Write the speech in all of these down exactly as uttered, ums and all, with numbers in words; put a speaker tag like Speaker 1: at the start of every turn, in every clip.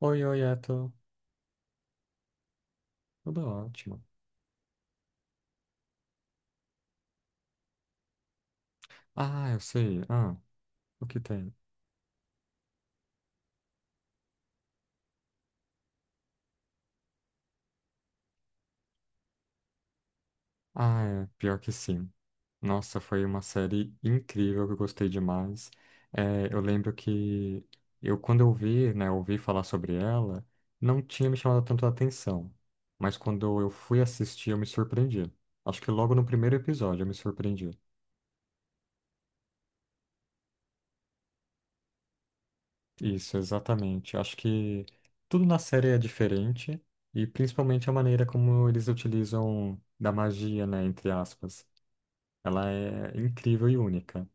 Speaker 1: Oi, oi, é, tô... Tudo ótimo. Ah, eu sei. Ah, o que tem? Ah, é, pior que sim. Nossa, foi uma série incrível que eu gostei demais. É, eu lembro que eu, quando eu vi, né, ouvi falar sobre ela, não tinha me chamado tanto a atenção. Mas quando eu fui assistir, eu me surpreendi. Acho que logo no primeiro episódio eu me surpreendi. Isso, exatamente. Acho que tudo na série é diferente e principalmente a maneira como eles utilizam da magia, né, entre aspas. Ela é incrível e única.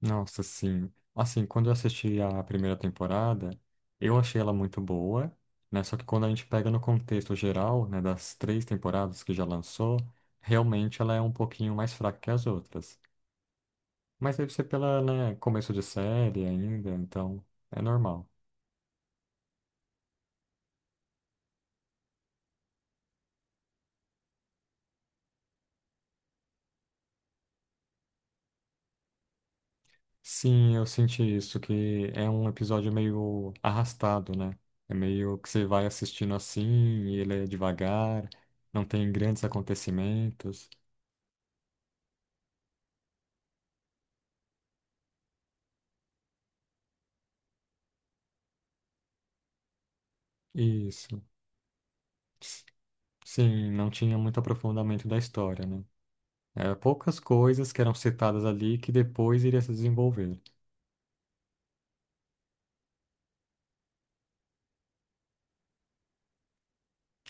Speaker 1: Nossa, sim. Assim, quando eu assisti a primeira temporada, eu achei ela muito boa, né? Só que quando a gente pega no contexto geral, né, das três temporadas que já lançou, realmente ela é um pouquinho mais fraca que as outras. Mas deve ser pela, né, começo de série ainda, então é normal. Sim, eu senti isso, que é um episódio meio arrastado, né? É meio que você vai assistindo assim, e ele é devagar, não tem grandes acontecimentos. Isso. S- Sim, não tinha muito aprofundamento da história, né? É, poucas coisas que eram citadas ali que depois iria se desenvolver.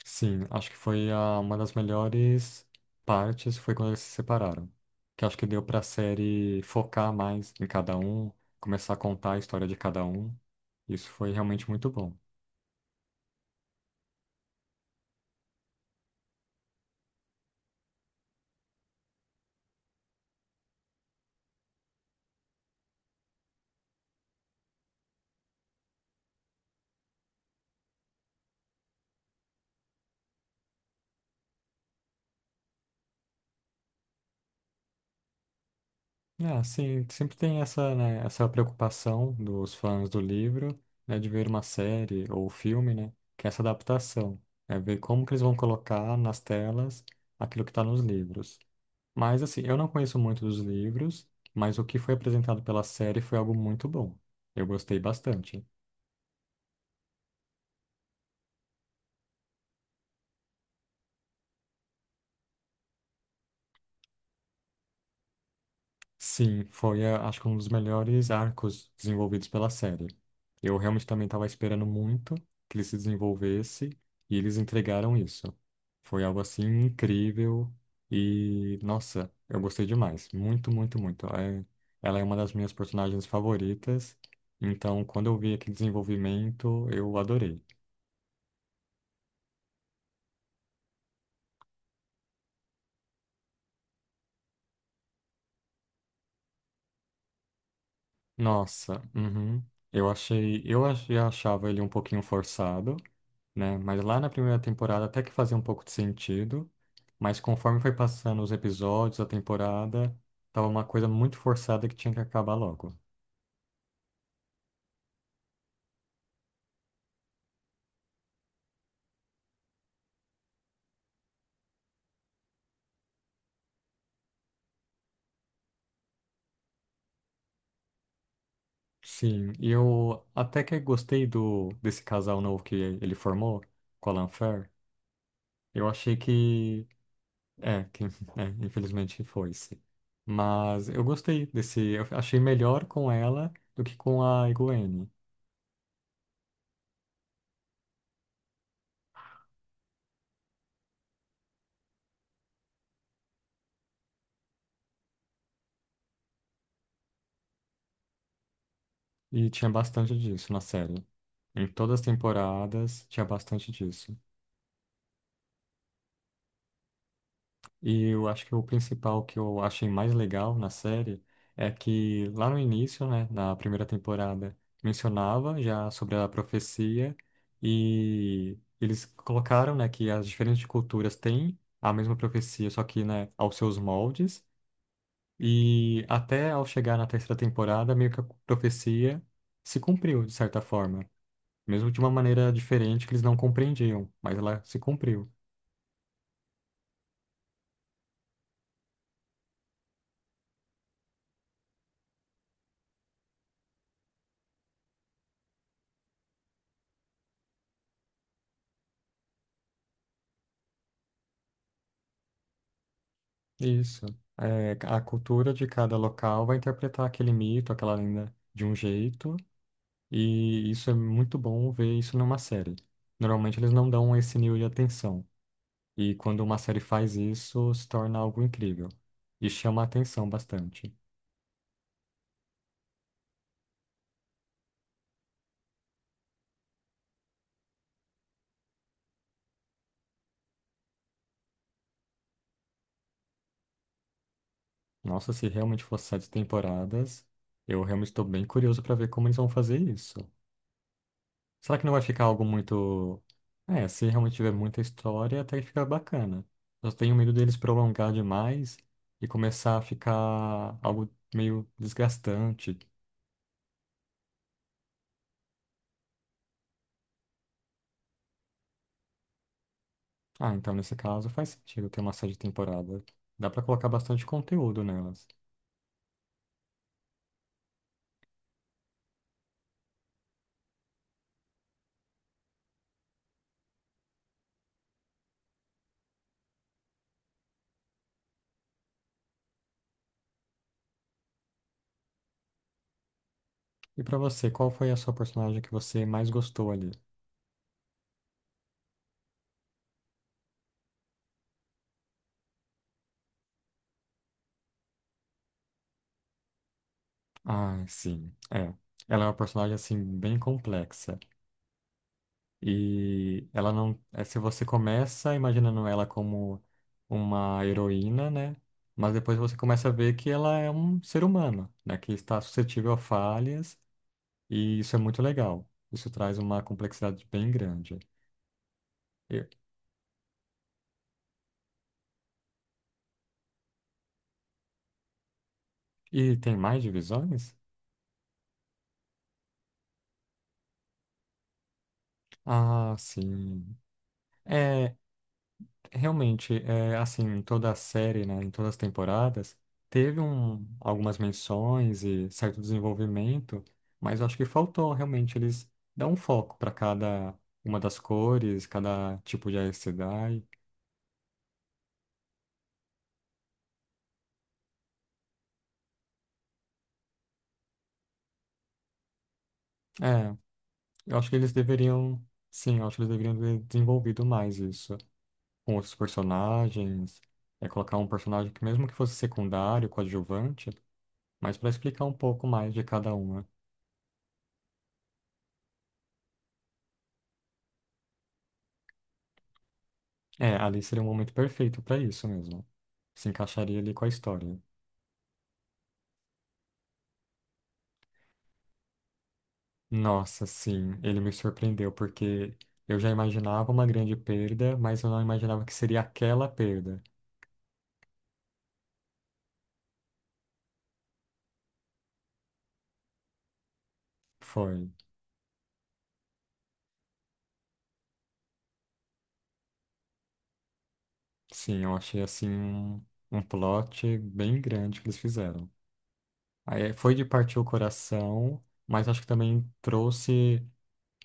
Speaker 1: Sim, acho que foi a, uma das melhores partes foi quando eles se separaram. Que acho que deu pra série focar mais em cada um, começar a contar a história de cada um. Isso foi realmente muito bom. É, sim, sempre tem essa, né, essa preocupação dos fãs do livro, né, de ver uma série ou filme, né, que é essa adaptação. É ver como que eles vão colocar nas telas aquilo que está nos livros. Mas assim, eu não conheço muito dos livros, mas o que foi apresentado pela série foi algo muito bom. Eu gostei bastante. Sim, foi, eh, acho que um dos melhores arcos desenvolvidos pela série. Eu realmente também estava esperando muito que ele se desenvolvesse e eles entregaram isso. Foi algo assim incrível e, nossa, eu gostei demais. Muito, muito, muito. É- ela é uma das minhas personagens favoritas, então quando eu vi aquele desenvolvimento, eu adorei. Nossa, uhum. Eu achei, eu achei, achava ele um pouquinho forçado, né? Mas lá na primeira temporada até que fazia um pouco de sentido, mas conforme foi passando os episódios, a temporada, tava uma coisa muito forçada que tinha que acabar logo. Sim, e eu até que gostei do desse casal novo que ele formou, Colin Fair. Eu achei que, é, que, é, infelizmente foi-se. Mas eu gostei desse, eu achei melhor com ela do que com a Gwen. E tinha bastante disso na série. Em todas as temporadas tinha bastante disso. E eu acho que o principal que eu achei mais legal na série é que lá no início, né, na primeira temporada, mencionava já sobre a profecia e eles colocaram, né, que as diferentes culturas têm a mesma profecia, só que, né, aos seus moldes. E até ao chegar na terceira temporada, meio que a profecia se cumpriu de certa forma, mesmo de uma maneira diferente que eles não compreendiam, mas ela se cumpriu. Isso. É, a cultura de cada local vai interpretar aquele mito, aquela lenda de um jeito, e isso é muito bom ver isso numa série. Normalmente eles não dão esse nível de atenção, e quando uma série faz isso, se torna algo incrível e chama a atenção bastante. Nossa, se realmente fosse sete temporadas, eu realmente estou bem curioso para ver como eles vão fazer isso. Será que não vai ficar algo muito. É, se realmente tiver muita história, até que fica bacana. Eu tenho medo deles prolongar demais e começar a ficar algo meio desgastante. Ah, então nesse caso faz sentido ter uma série de temporada. Dá pra colocar bastante conteúdo nelas. E pra você, qual foi a sua personagem que você mais gostou ali? Ah, sim. É. Ela é uma personagem assim bem complexa. E ela não. é, Se você começa imaginando ela como uma heroína, né? Mas depois você começa a ver que ela é um ser humano, né? Que está suscetível a falhas, e isso é muito legal. Isso traz uma complexidade bem grande. E, e tem mais divisões? Ah, sim. É. Realmente, é, assim, em toda a série, né, em todas as temporadas, teve um, algumas menções e certo desenvolvimento, mas eu acho que faltou realmente eles dar um foco para cada uma das cores, cada tipo de Aes Sedai. É, eu acho que eles deveriam, sim, eu acho que eles deveriam ter desenvolvido mais isso, com outros personagens, é, colocar um personagem que mesmo que fosse secundário, coadjuvante, mas para explicar um pouco mais de cada uma. É, ali seria um momento perfeito pra isso mesmo. Se encaixaria ali com a história. Nossa, sim, ele me surpreendeu, porque eu já imaginava uma grande perda, mas eu não imaginava que seria aquela perda. Foi. Sim, eu achei assim um, um, plot bem grande que eles fizeram. Aí eh, foi de partir o coração, mas acho que também trouxe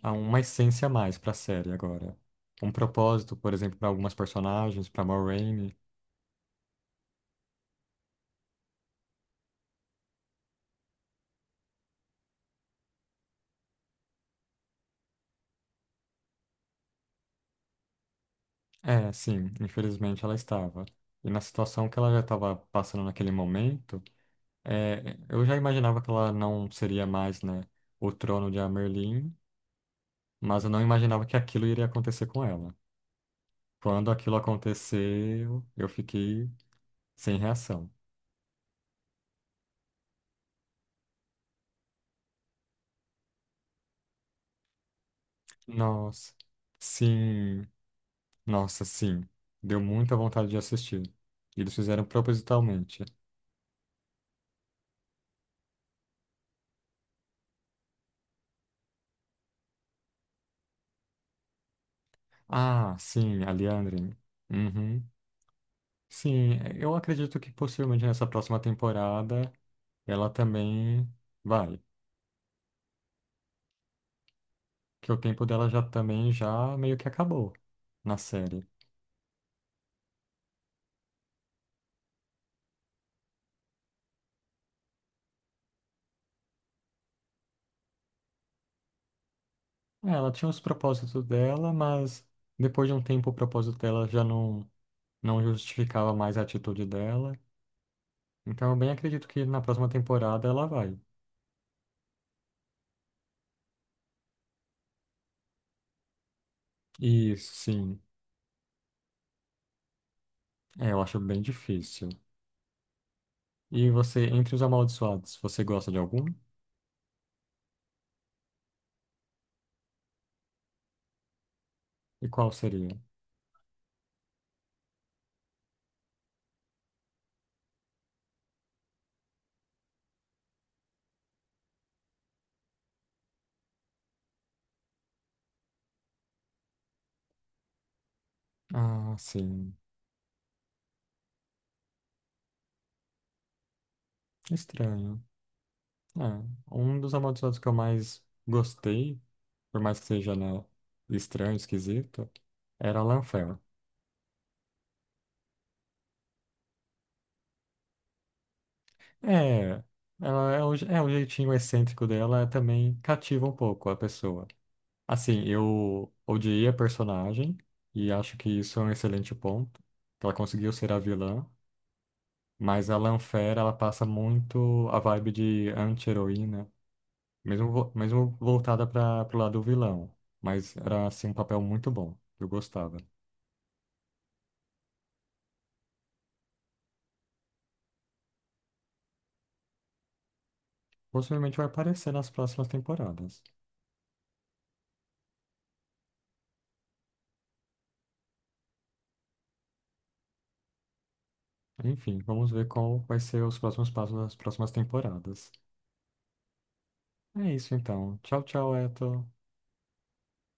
Speaker 1: a- uma essência a mais pra série agora. Um propósito, por exemplo, para algumas personagens, para Moraine. É, sim, infelizmente ela estava. E na situação que ela já estava passando naquele momento, é, eu já imaginava que ela não seria mais, né, o trono de Amerlin, mas eu não imaginava que aquilo iria acontecer com ela. Quando aquilo aconteceu, eu fiquei sem reação. Nossa, sim, nossa, sim. Deu muita vontade de assistir. Eles fizeram propositalmente. Ah, sim, a Liandrin. Uhum. Sim, é, eu acredito que possivelmente nessa próxima temporada ela também vai, que o tempo dela já também já meio que acabou na série. É, ela tinha os propósitos dela, mas depois de um tempo o propósito dela já não não justificava mais a atitude dela. Então eu bem acredito que na próxima temporada ela vai. E sim, é, eu acho bem difícil. E você, entre os amaldiçoados, você gosta de algum? E qual seria? Ah, sim. Estranho. É, um dos amaldiçoados que eu mais gostei, por mais que seja, né, estranho, esquisito, era a Lanfear. É, ela é o, je- é o jeitinho excêntrico dela é também cativa um pouco a pessoa. Assim, eu odiei a personagem e acho que isso é um excelente ponto, que ela conseguiu ser a vilã, mas a Lanfear, ela passa muito a vibe de anti-heroína, mesmo, vo- mesmo voltada para pro lado do vilão. Mas era, assim, um papel muito bom. Eu gostava. Possivelmente vai aparecer nas próximas temporadas. Enfim, vamos ver qual vai ser os próximos passos das próximas temporadas. É isso, então. Tchau, tchau, Eto.